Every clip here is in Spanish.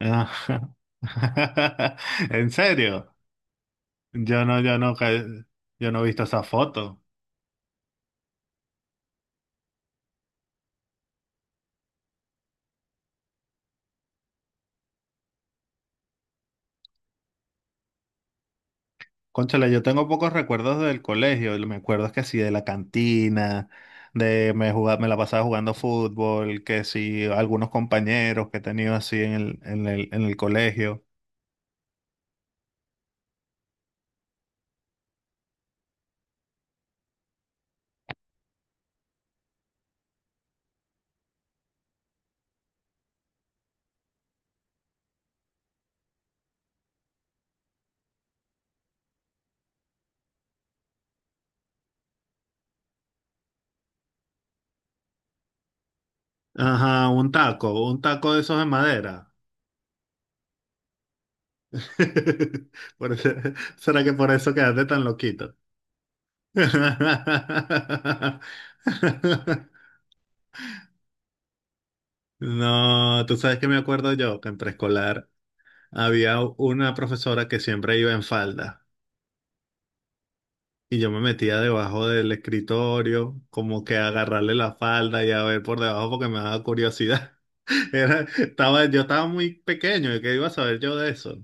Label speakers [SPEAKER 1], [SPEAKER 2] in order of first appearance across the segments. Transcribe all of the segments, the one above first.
[SPEAKER 1] Ajá. ¿En serio? Yo no, yo no, ca- yo no he visto esa foto. Cónchale, yo tengo pocos recuerdos del colegio. Me acuerdo es que sí, de la cantina, de me jugaba, me la pasaba jugando fútbol, que sí, algunos compañeros que he tenido así en el colegio. Ajá, un taco de esos de madera. Por eso- ¿Será que por eso quedaste tan loquito? No, tú sabes que me acuerdo yo que en preescolar había una profesora que siempre iba en falda y yo me metía debajo del escritorio como que a agarrarle la falda y a ver por debajo porque me daba curiosidad. Yo estaba muy pequeño y qué iba a saber yo de eso.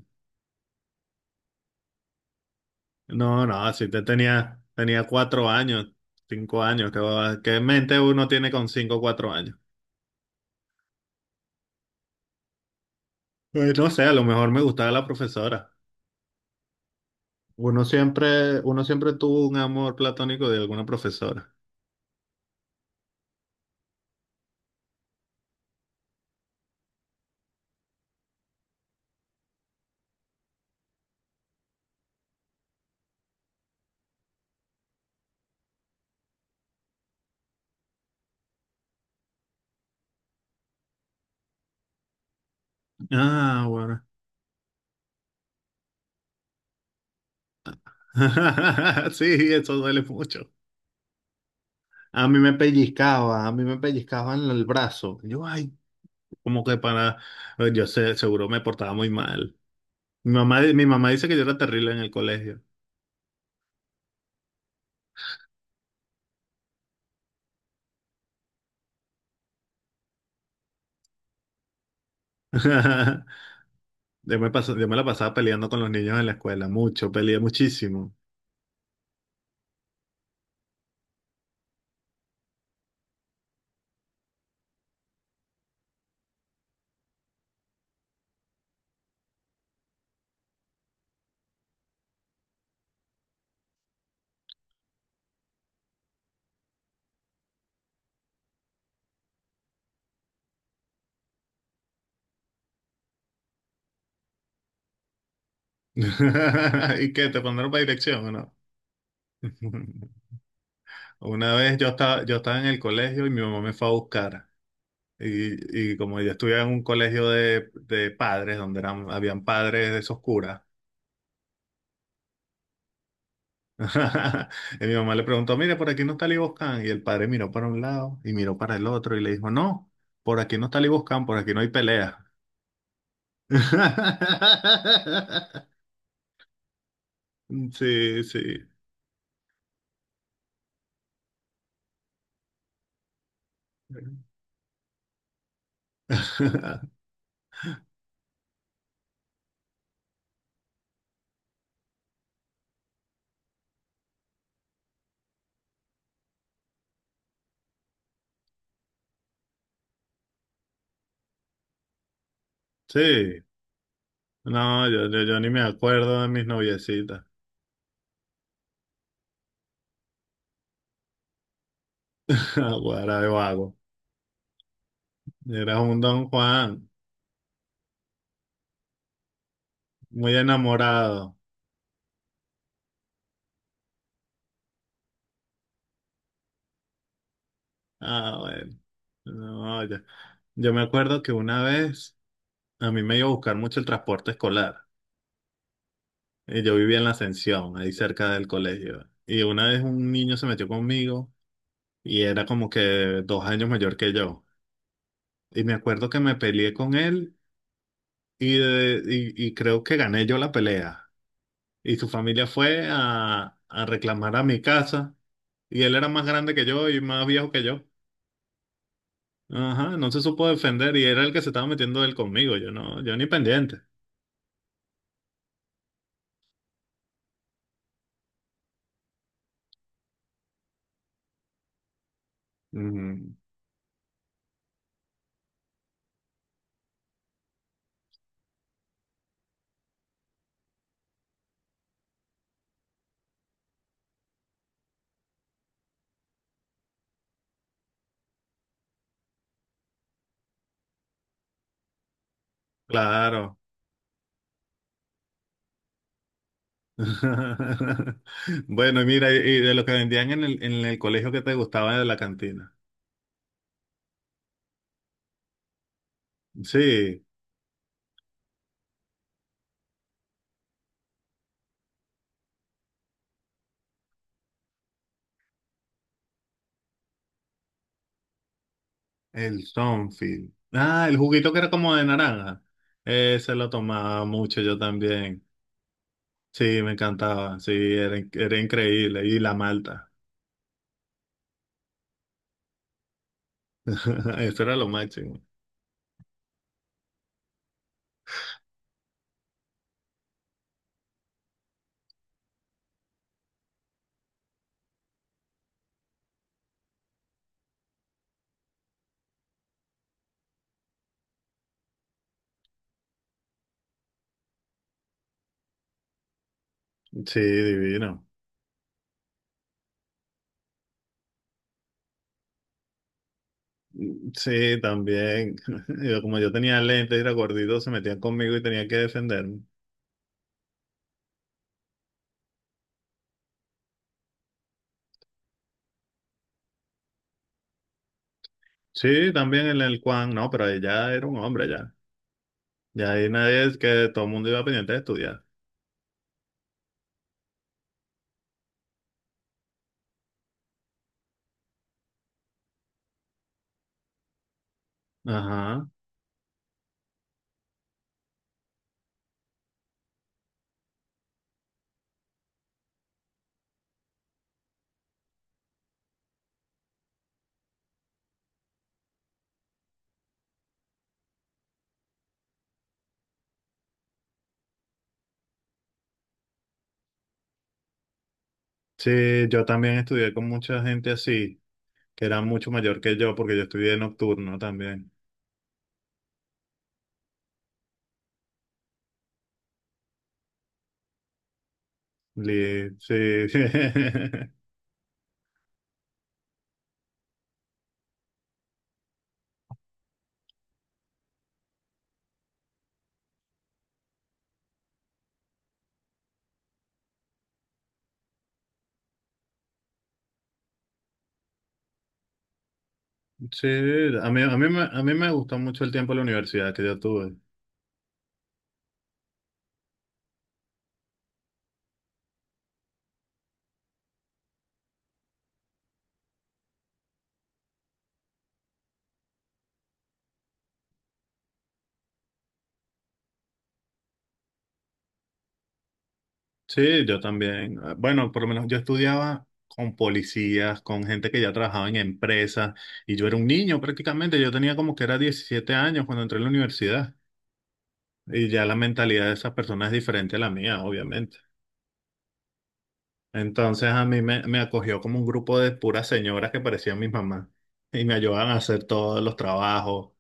[SPEAKER 1] No, no, así te tenía, tenía 4 años, 5 años, que, qué mente uno tiene con 5 o 4 años. Pues, no sé, a lo mejor me gustaba la profesora. Uno siempre tuvo un amor platónico de alguna profesora. Ah, bueno. Sí, eso duele mucho. A mí me pellizcaba, a mí me pellizcaban el brazo. Yo, ay, como que para, yo sé, seguro me portaba muy mal. Mi mamá dice que yo era terrible en el colegio. Yo me la pasaba peleando con los niños en la escuela, mucho, peleé muchísimo. ¿Y qué? ¿Te mandaron para dirección o no? Una vez yo estaba en el colegio y mi mamá me fue a buscar. Y como yo estudiaba en un colegio de padres, donde eran, habían padres de esos curas, y mi mamá le preguntó, mire, por aquí no está Liboscan. Y el padre miró para un lado y miró para el otro y le dijo, no, por aquí no está Liboscan, por aquí no hay pelea. Sí, sí. Sí. No, yo ni me acuerdo de mis noviecitas. Guara de vago. Eras un Don Juan, muy enamorado. Ah, bueno. No, ya. Yo me acuerdo que una vez a mí me iba a buscar mucho el transporte escolar. Y yo vivía en la Ascensión, ahí cerca del colegio. Y una vez un niño se metió conmigo y era como que 2 años mayor que yo. Y me acuerdo que me peleé con él y, de- y creo que gané yo la pelea. Y su familia fue a reclamar a mi casa. Y él era más grande que yo y más viejo que yo. Ajá, no se supo defender y era el que se estaba metiendo él conmigo. Yo no, yo ni pendiente. Ujú. Claro. Bueno, mira, y de lo que vendían en el colegio que te gustaba de la cantina. Sí, el Sonfil. Ah, el juguito que era como de naranja. Ese lo tomaba mucho yo también. Sí, me encantaba. Sí, era increíble. Y la malta. Eso era lo máximo. Sí, divino. Sí, también. Yo, como yo tenía lentes y era gordito, se metían conmigo y tenía que defenderme. Sí, también en el Juan. No, pero ella era un hombre. Ya ahí nadie es que todo el mundo iba pendiente de estudiar. Ajá. Sí, yo también estudié con mucha gente así, que era mucho mayor que yo, porque yo estudié nocturno también. Sí, sí. Sí, a mí me gustó mucho el tiempo en la universidad que yo tuve. Sí, yo también. Ah, bueno, por lo menos yo estudiaba con policías, con gente que ya trabajaba en empresas, y yo era un niño prácticamente. Yo tenía como que era 17 años cuando entré a la universidad. Y ya la mentalidad de esas personas es diferente a la mía, obviamente. Entonces a mí me, me acogió como un grupo de puras señoras que parecían mis mamás y me ayudaban a hacer todos los trabajos.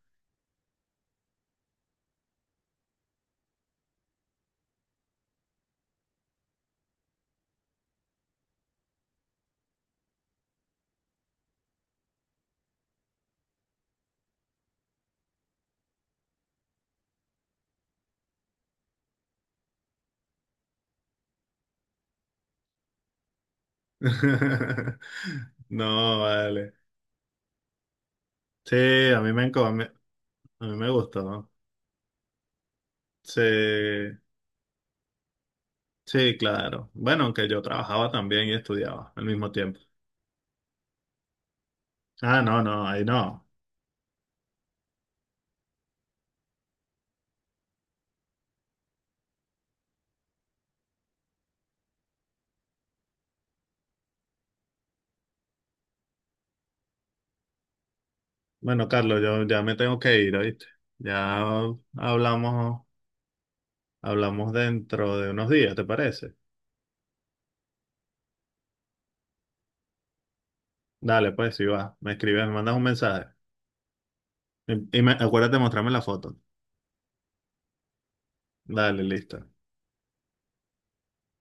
[SPEAKER 1] No, vale. Sí, a mí me gustó. Sí, sí, claro. Bueno, aunque yo trabajaba también y estudiaba al mismo tiempo. Ah, no, no, ahí no. Bueno, Carlos, yo ya me tengo que ir, ¿oíste? Ya hablamos, hablamos dentro de unos días, ¿te parece? Dale, pues, si va, me escribes, me mandas un mensaje. Acuérdate de mostrarme la foto. Dale, listo.